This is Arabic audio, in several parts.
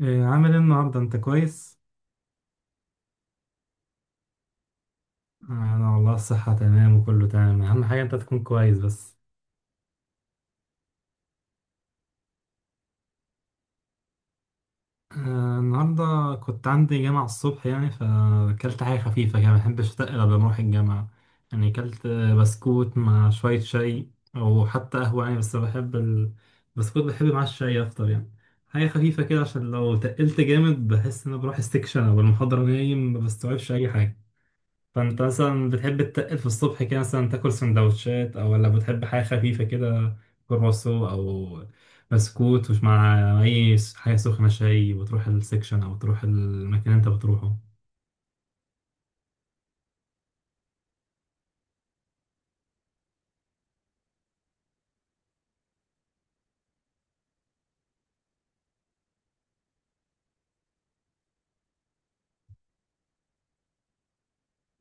إيه عامل ايه النهارده انت كويس؟ انا والله الصحه تمام، وكله تمام، اهم حاجه انت تكون كويس بس. آه، النهارده كنت عندي جامعه الصبح، يعني فاكلت حاجه خفيفه كده، ما بحبش اتقل قبل ما اروح الجامعه. يعني اكلت بسكوت مع شويه شاي، او حتى قهوه، يعني بس بحب البسكوت بحب مع الشاي اكتر يعني. حاجه خفيفه كده عشان لو تقلت جامد بحس ان أنا بروح استكشن او المحاضره نايم ما بستوعبش اي حاجه. فانت مثلا بتحب تتقل في الصبح كده، مثلا تاكل سندوتشات، او ولا بتحب حاجه خفيفه كده؟ كرواسو او بسكوت، ومش مع اي حاجه سخنه، شاي وتروح السكشن او تروح المكان اللي انت بتروحه؟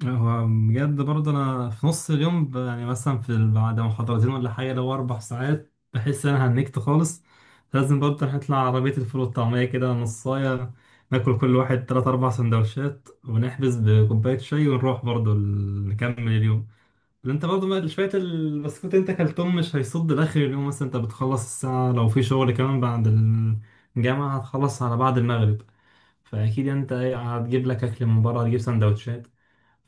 هو بجد برضه انا في نص اليوم يعني مثلا في بعد محاضرتين ولا حاجه، لو اربع ساعات بحس ان انا هنكت خالص. لازم برضه نطلع عربيه الفول والطعميه كده نصايه، ناكل كل واحد تلات أربع سندوتشات، ونحبس بكوباية شاي، ونروح برضه نكمل اليوم. ما انت برضه شوية البسكوت انت كلتهم مش هيصد لاخر اليوم، مثلا انت بتخلص الساعة لو في شغل كمان بعد الجامعة، هتخلص على بعد المغرب. فأكيد يعني، انت ايه، هتجيب لك أكل من بره، هتجيب سندوتشات.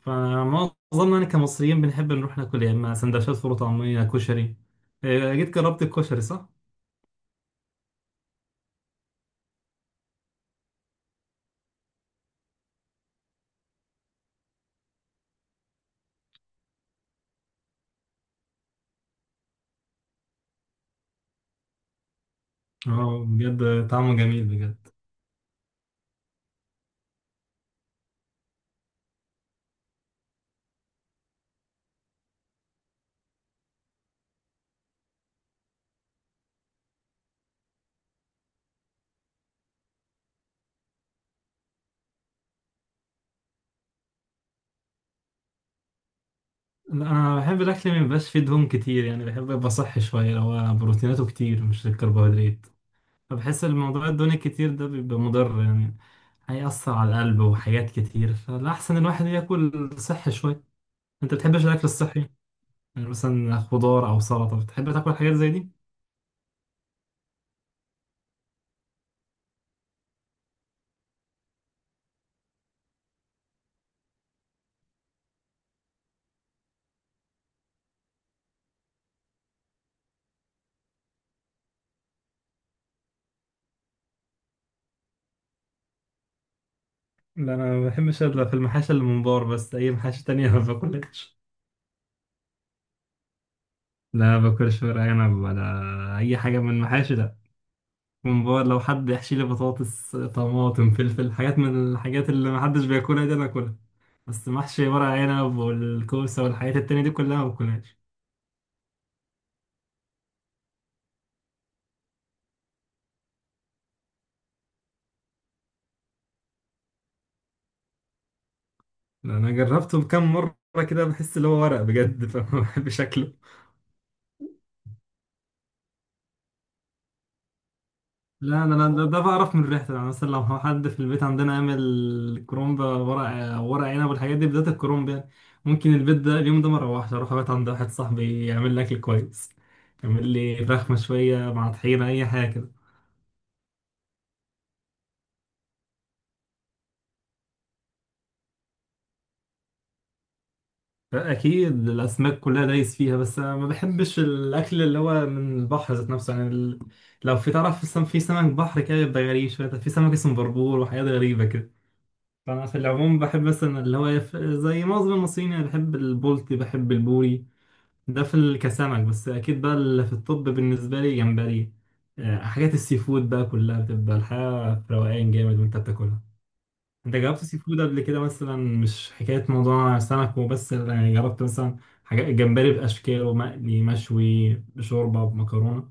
فمعظمنا يعني كمصريين بنحب نروح ناكل، يا إما سندوتشات فول وطعمية، كشري. اه، جيت جربت الكشري صح؟ اه، بجد طعمه جميل بجد. لا، انا بحب الاكل ما يبقاش فيه دهون كتير، يعني بحب يبقى صحي شويه، اللي هو بروتيناته كتير مش الكربوهيدرات. فبحس الموضوع الدوني كتير ده بيبقى مضر يعني، هيأثر على القلب وحاجات كتير، فالأحسن الواحد ياكل صحي شوية. أنت بتحبش الأكل الصحي؟ يعني مثلا خضار أو سلطة، بتحب تاكل حاجات زي دي؟ لا، أنا ما بحبش إلا في المحاشي اللي من بار، بس أي محاشي تانية ما باكلهاش. لا، ما باكلش ورق عنب ولا أي حاجة من المحاشي ده. ممبار، لو حد يحشي لي بطاطس طماطم فلفل، حاجات من الحاجات اللي محدش بياكلها دي، أنا أكلها. بس محشي ورق عنب والكوسة والحاجات التانية دي كلها ما باكلهاش. انا جربته كام مره كده، بحس اللي هو ورق بجد، فما بحبش شكله. لا، ده بعرف من ريحته، يعني مثلا لو حد في البيت عندنا عامل كرومب ورق عنب والحاجات دي بدايه الكرومب، يعني ممكن البيت ده اليوم ده ما اروحش، اروح ابات عند واحد صاحبي يعمل لي اكل كويس، يعمل لي فراخ مشويه مع طحينه، اي حاجه كده. اكيد الاسماك كلها دايس فيها، بس أنا ما بحبش الاكل اللي هو من البحر ذات نفسه، يعني لو في، تعرف، في سمك بحر كده بيبقى غريب شويه، في سمك اسمه بربور وحاجات غريبه. فأنا في العموم بحب مثلا اللي هو زي معظم المصريين أنا بحب البلطي، بحب البوري. ده في كسمك، بس أكيد بقى اللي في الطب بالنسبة لي جمبري. حاجات السي فود بقى كلها بتبقى الحياة في روقان جامد وأنت بتاكلها. أنت جربت سي فود قبل كده مثلا؟ مش حكاية موضوع سمك وبس، يعني جربت مثلا حاجات جمبري بأشكاله، مقلي مشوي، بشوربة بمكرونة؟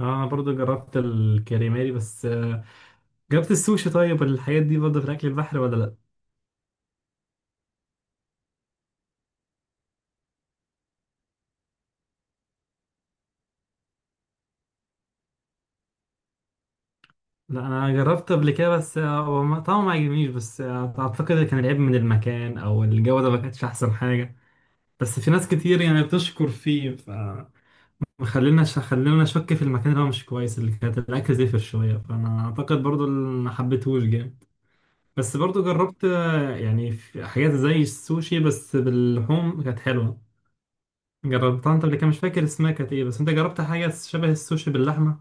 أنا برضو جربت الكريماري، بس جربت السوشي، طيب الحاجات دي برضو في الأكل البحري ولا لأ؟ لا، انا جربت قبل كده، بس هو طبعا ما عجبنيش، بس اعتقد كان العيب من المكان او الجوده، ما كانتش احسن حاجه. بس في ناس كتير يعني بتشكر فيه، خلينا نشك في المكان اللي هو مش كويس، اللي كانت الاكل زفر شويه، فانا اعتقد برضو اللي ما حبيتهوش جامد. بس برضو جربت، يعني في حاجات زي السوشي بس باللحوم كانت حلوه. جربتها انت قبل كده؟ مش فاكر اسمها كانت ايه، بس انت جربت حاجه شبه السوشي باللحمه؟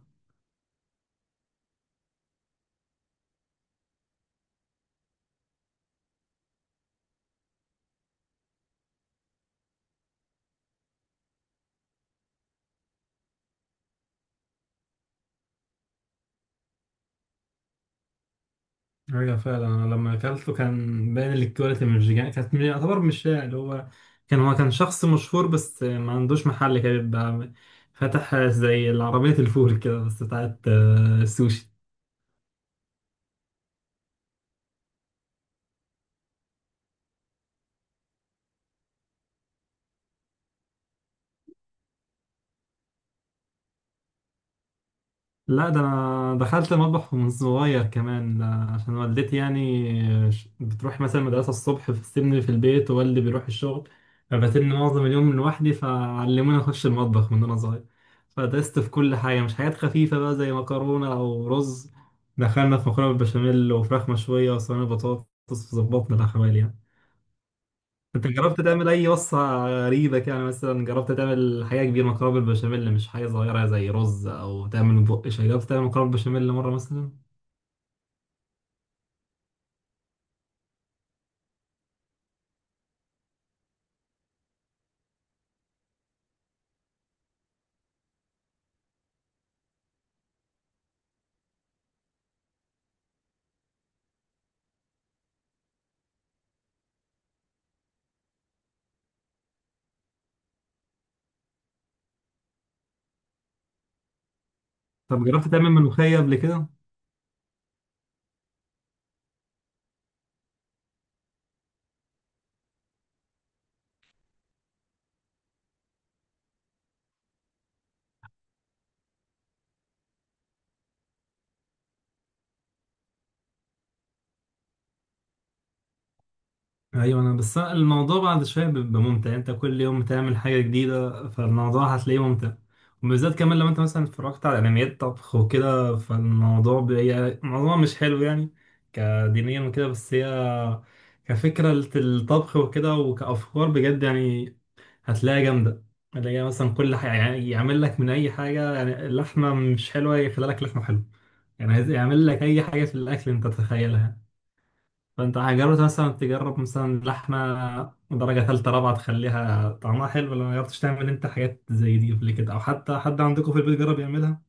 ايوه فعلا، انا لما اكلته كان باين الكواليتي مش، يعني كانت يعتبر مش شائع، اللي هو كان، هو كان شخص مشهور بس ما عندوش محل كده، بيبقى فتح زي العربية الفول كده بس بتاعت السوشي. لا، ده انا دخلت المطبخ من صغير كمان، ده عشان والدتي يعني بتروح مثلا مدرسة الصبح، بتسيبني في البيت ووالدي بيروح الشغل، فبتني معظم اليوم لوحدي، فعلموني اخش المطبخ من وانا صغير. فدست في كل حاجة، مش حاجات خفيفة بقى زي مكرونة او رز، دخلنا في مكرونة بالبشاميل، وفراخ مشوية، وصينية بطاطس، فظبطنا الاحوال يعني. انت جربت تعمل اي وصفة غريبة كده؟ يعني مثلا جربت تعمل حاجة كبيرة، مكرونة بالبشاميل، مش حاجة صغيرة زي رز او تعمل بقش؟ جربت تعمل مكرونة بالبشاميل مرة مثلا؟ طب جربت تعمل ملوخية قبل كده؟ ايوه، انا بس أنا الموضوع بعد شويه بيبقى ممتع، انت كل يوم بتعمل حاجه جديده، فالموضوع هتلاقيه ممتع، وبالذات كمان لو انت مثلا اتفرجت على انميات طبخ وكده، فالموضوع الموضوع مش حلو يعني كدينيا وكده، بس هي كفكره الطبخ وكده وكافكار بجد يعني، هتلاقيها جامده. اللي هي مثلا كل حاجه، يعني يعمل لك من اي حاجه، يعني اللحمه مش حلوه يخلي لك لحمه حلوه، يعني عايز يعمل لك اي حاجه في الاكل انت تتخيلها. فانت جربت مثلا، تجرب مثلا لحمه درجه ثالثه رابعه تخليها طعمها حلو؟ ولا ما جربتش تعمل انت حاجات زي دي قبل كده، او حتى حد عندكم في البيت جرب يعملها؟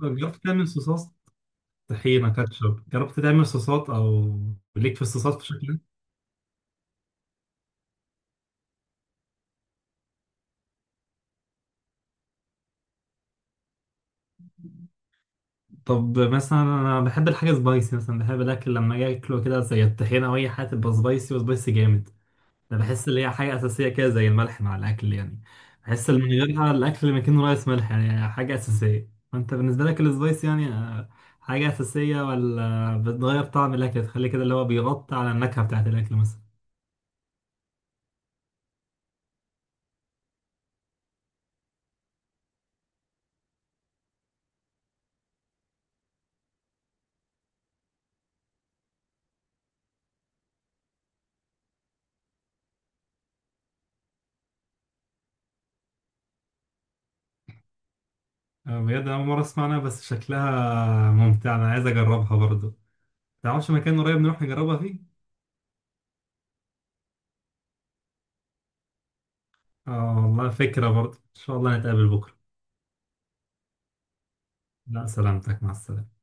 طب جربت تعمل صوصات؟ طحينه، كاتشب، جربت تعمل صوصات، او ليك في الصوصات في شكل؟ طب مثلا انا بحب الحاجه سبايسي، مثلا بحب الاكل لما اجي اكله كده زي الطحينه، او اي حاجه تبقى سبايسي، وسبايسي جامد. انا بحس اللي هي حاجه اساسيه كده زي الملح مع الاكل يعني، بحس اللي من غيرها الاكل ما يكون رايس ملح، يعني حاجه اساسيه. فانت بالنسبه لك السبايس يعني حاجه اساسيه، ولا بتغير طعم الاكل تخلي كده اللي هو بيغطي على النكهه بتاعت الاكل مثلا؟ آه، بجد انا اول مره اسمع عنها، بس شكلها ممتع، انا عايز اجربها برضه. تعرفش مكان قريب نروح نجربها فيه؟ اه، والله فكره برضه، ان شاء الله نتقابل بكره. لا، سلامتك، مع السلامه.